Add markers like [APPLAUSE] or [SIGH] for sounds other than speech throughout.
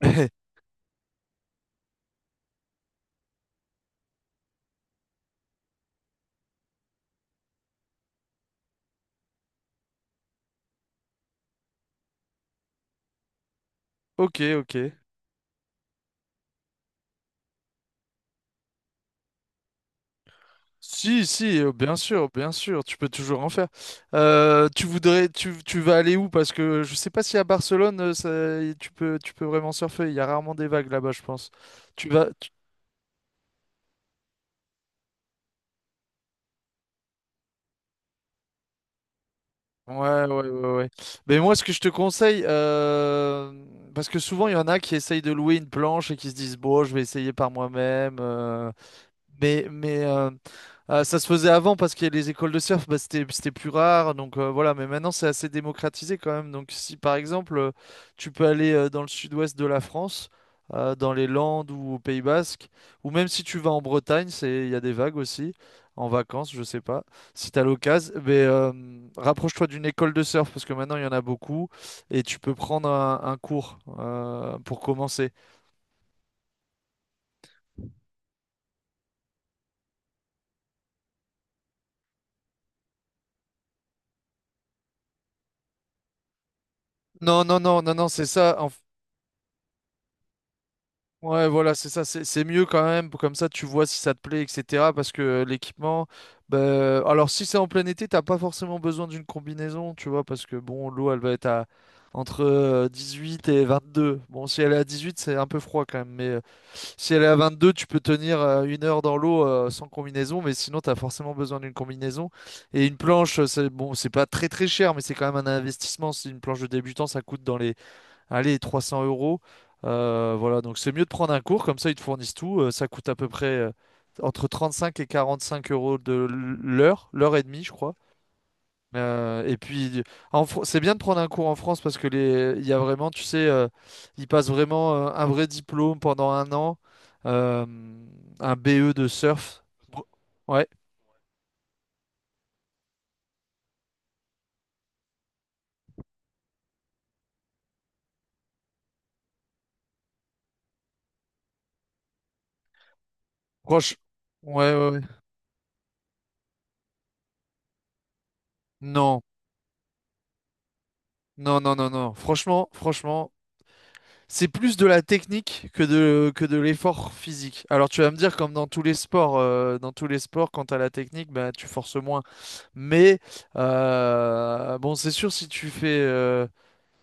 [LAUGHS] Ok, ok. Si, si, bien sûr, tu peux toujours en faire. Tu vas aller où? Parce que je sais pas si à Barcelone, tu peux vraiment surfer. Il y a rarement des vagues là-bas, je pense. Tu vas, tu- ouais, ouais, ouais, ouais. Ouais. Mais moi, ce que je te conseille, parce que souvent il y en a qui essayent de louer une planche et qui se disent bon, je vais essayer par moi-même. Mais ça se faisait avant parce que les écoles de surf, bah, c'était plus rare. Donc voilà, mais maintenant c'est assez démocratisé quand même. Donc si par exemple tu peux aller dans le sud-ouest de la France, dans les Landes ou au Pays Basque, ou même si tu vas en Bretagne, il y a des vagues aussi, en vacances, je sais pas. Si tu as l'occasion, mais rapproche-toi d'une école de surf parce que maintenant il y en a beaucoup et tu peux prendre un cours pour commencer. Non, non, non, non, non, c'est ça. En Ouais, voilà, c'est ça, c'est mieux quand même, comme ça tu vois si ça te plaît, etc. Parce que l'équipement, bah, alors si c'est en plein été, t'as pas forcément besoin d'une combinaison, tu vois, parce que bon, l'eau elle va être à entre 18 et 22. Bon, si elle est à 18, c'est un peu froid quand même, mais si elle est à 22, tu peux tenir une heure dans l'eau sans combinaison, mais sinon t'as forcément besoin d'une combinaison. Et une planche, c'est bon, c'est pas très très cher, mais c'est quand même un investissement. Si une planche de débutant, ça coûte dans les allez, 300 euros. Voilà, donc c'est mieux de prendre un cours, comme ça ils te fournissent tout. Ça coûte à peu près entre cinq et 45 € de l'heure, l'heure et demie, je crois. Et puis, c'est bien de prendre un cours en France parce que il y a vraiment, tu sais, ils passent vraiment un vrai diplôme pendant un an, euh, un BE de surf. Bro- Ouais, Proche. Ouais, ouais, ouais. Non, non, non, non, non. Franchement, franchement. C'est plus de la technique que de l'effort physique. Alors tu vas me dire, comme dans tous les sports, quand tu la technique, bah, tu forces moins. Mais bon, c'est sûr, si tu fais,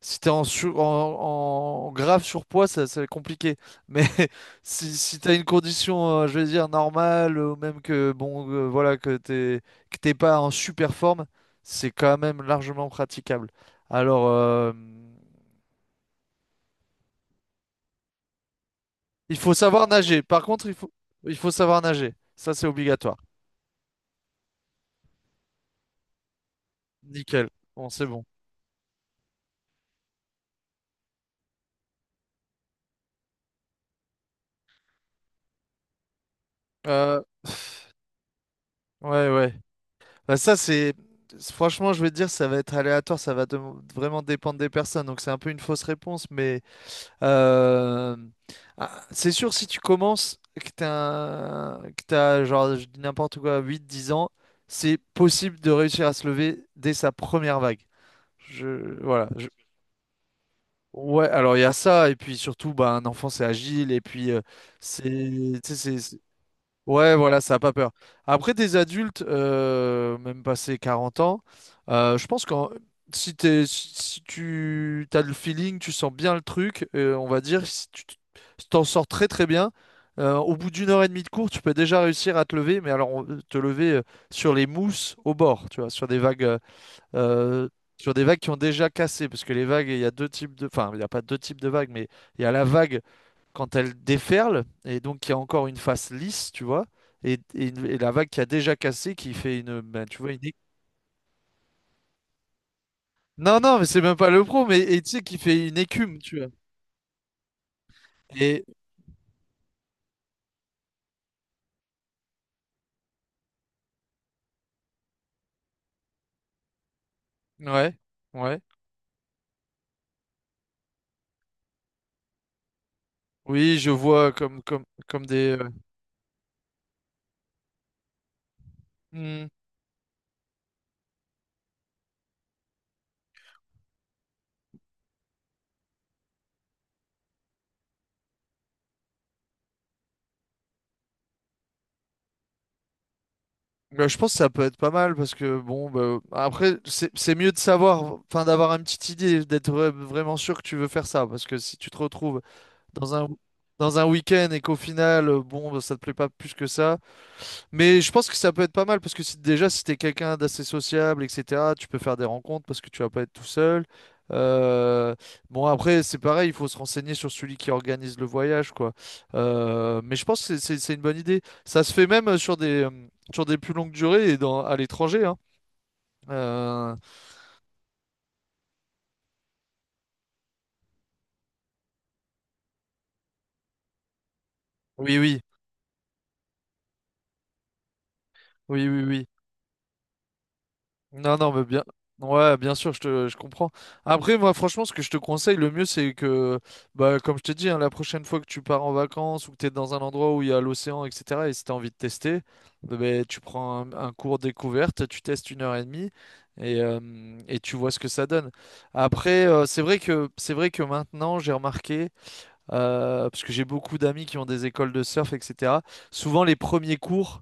si t'es en grave surpoids, ça va être compliqué. Mais [LAUGHS] si tu une condition, je vais dire, normale, ou même que, bon, voilà, que t'es pas en super forme, c'est quand même largement praticable. Alors. Il faut savoir nager. Par contre, il faut savoir nager. Ça, c'est obligatoire. Nickel. Bon, c'est bon. Euh, ouais, ouais. Bah, ça, c'est. Franchement, je vais te dire, ça va être aléatoire. Ça va vraiment dépendre des personnes. Donc, c'est un peu une fausse réponse. Mais euh, ah, c'est sûr, si tu commences, que t'as, genre, je dis n'importe quoi, huit dix ans, c'est possible de réussir à se lever dès sa première vague. Voilà. Ouais, alors il y a ça, et puis surtout, bah, un enfant c'est agile, et puis c'est. tu sais. Ouais, voilà, ça a pas peur. Après, des adultes, même passé 40 ans, je pense que si, t'es- si si tu as le feeling, tu sens bien le truc, on va dire, si t'en sors très très bien, au bout d'une heure et demie de cours, tu peux déjà réussir à te lever, mais alors te lever sur les mousses au bord, tu vois, sur des vagues. Euh, Sur des vagues qui ont déjà cassé, parce que les vagues, il y a deux types enfin, il n'y a pas deux types de vagues, mais il y a la vague quand elle déferle, et donc il y a encore une face lisse, tu vois, et et la vague qui a déjà cassé, qui fait une, ben, tu vois, une. Non, non, mais c'est même pas le pro, mais et tu sais, qui fait une écume, tu vois. Et, ouais, ouais. Oui, je vois comme des, hmm. Bah, je pense que ça peut être pas mal parce que bon bah, après c'est mieux de savoir enfin d'avoir une petite idée d'être vraiment sûr que tu veux faire ça parce que si tu te retrouves dans un week-end et qu'au final bon bah, ça te plaît pas plus que ça mais je pense que ça peut être pas mal parce que si, déjà, si t'es quelqu'un d'assez sociable, etc., tu peux faire des rencontres parce que tu vas pas être tout seul. Euh, bon, après, c'est pareil, il faut se renseigner sur celui qui organise le voyage, quoi. Mais je pense que c'est une bonne idée. Ça se fait même sur des plus longues durées et à l'étranger, hein. Euh, oui, oui, oui, oui, oui. Non, non, mais bien. Ouais, bien sûr, je comprends. Après, moi, franchement, ce que je te conseille, le mieux, c'est que, bah, comme je t'ai dit, hein, la prochaine fois que tu pars en vacances ou que tu es dans un endroit où il y a l'océan, etc., et si tu as envie de tester, eh ben, tu prends un cours découverte, tu testes une heure et demie et, euh, et tu vois ce que ça donne. Après, c'est vrai que maintenant, j'ai remarqué parce que j'ai beaucoup d'amis qui ont des écoles de surf, etc. Souvent, les premiers cours,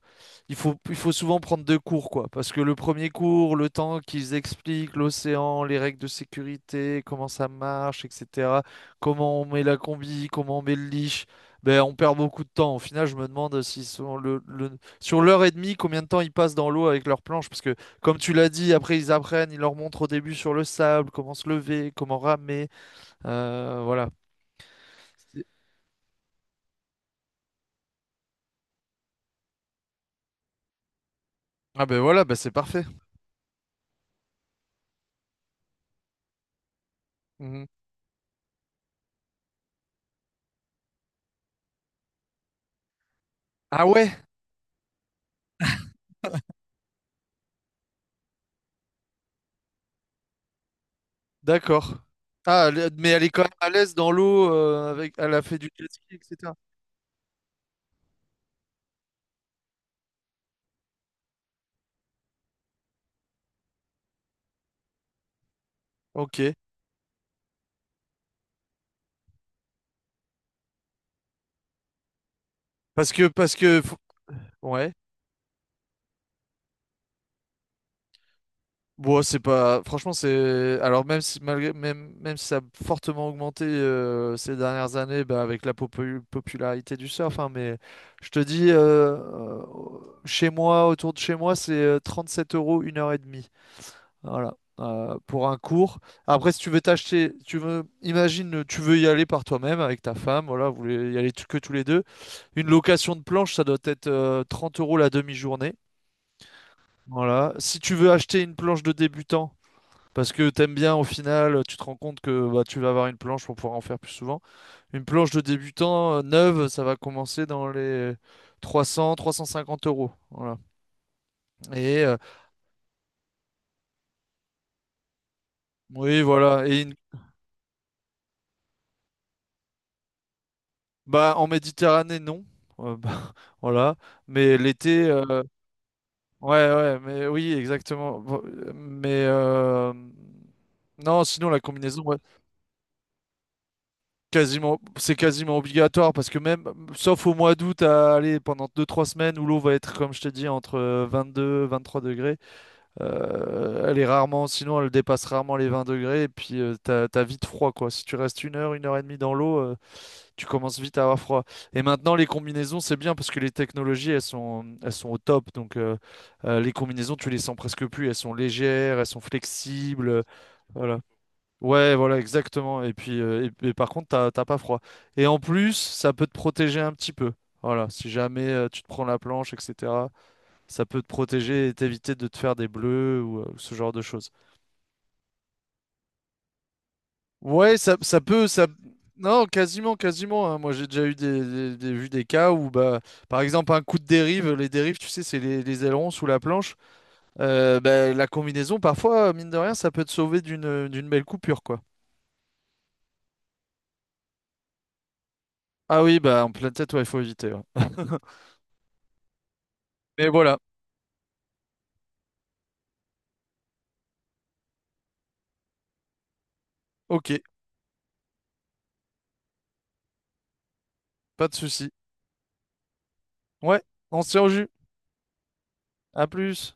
il faut souvent prendre deux cours, quoi. Parce que le premier cours, le temps qu'ils expliquent l'océan, les règles de sécurité, comment ça marche, etc. Comment on met la combi, comment on met le leash, ben, on perd beaucoup de temps. Au final, je me demande s'ils sont le- sur l'heure et demie, combien de temps ils passent dans l'eau avec leur planche. Parce que, comme tu l'as dit, après, ils leur montrent au début sur le sable, comment se lever, comment ramer. Voilà. Ah ben voilà, ben c'est parfait. Mhm. Ah ouais, d'accord. Ah, mais elle est quand même à l'aise dans l'eau, elle a fait du jet ski, etc. Ok. Parce que, parce que, faut- ouais. Bon, c'est pas, franchement, alors même si ça a fortement augmenté ces dernières années, bah, avec la popularité du surf, hein, mais je te dis, chez moi, autour de chez moi, c'est 7 € une heure et demie. Voilà. Pour un cours. Après, si tu veux t'acheter, imagine, tu veux y aller par toi-même avec ta femme, voilà, vous voulez y aller que tous les deux. Une location de planche, ça doit être 30 € la demi-journée. Voilà. Si tu veux acheter une planche de débutant, parce que t'aimes bien au final, tu te rends compte que bah, tu vas avoir une planche pour pouvoir en faire plus souvent. Une planche de débutant neuve, ça va commencer dans les 300, 350 euros. Voilà. Et oui, voilà. Bah, en Méditerranée, non. Bah, [LAUGHS] voilà. Mais l'été, ouais, ouais, mais oui, exactement. Bon, mais non, sinon, la combinaison, ouais, quasiment, c'est quasiment obligatoire parce que même, sauf au mois d'août, à aller pendant deux trois semaines où l'eau va être, comme je t'ai dit, entre 22, 23 degrés, elle est rarement, sinon, elle dépasse rarement les 20 degrés et puis t'as vite froid, quoi. Si tu restes une heure et demie dans l'eau, tu commences vite à avoir froid. Et maintenant, les combinaisons, c'est bien parce que les technologies, elles sont au top. Donc, les combinaisons, tu les sens presque plus. Elles sont légères, elles sont flexibles. Voilà. Ouais, voilà, exactement. Et puis, et par contre, t'as pas froid. Et en plus, ça peut te protéger un petit peu. Voilà, si jamais tu te prends la planche, etc., ça peut te protéger et t'éviter de te faire des bleus ou ce genre de choses. Ouais, ça peut, ça. Non, quasiment, quasiment. Hein. Moi, j'ai déjà eu vu des cas où, bah, par exemple, un coup de dérive, les dérives, tu sais, c'est les ailerons sous la planche. Bah, la combinaison, parfois, mine de rien, ça peut te sauver d'une belle coupure, quoi. Ah oui, bah, en pleine tête, ouais, il faut éviter. Ouais. [LAUGHS] Mais voilà, ok, pas de souci. Ouais, on se tient au jus. À plus.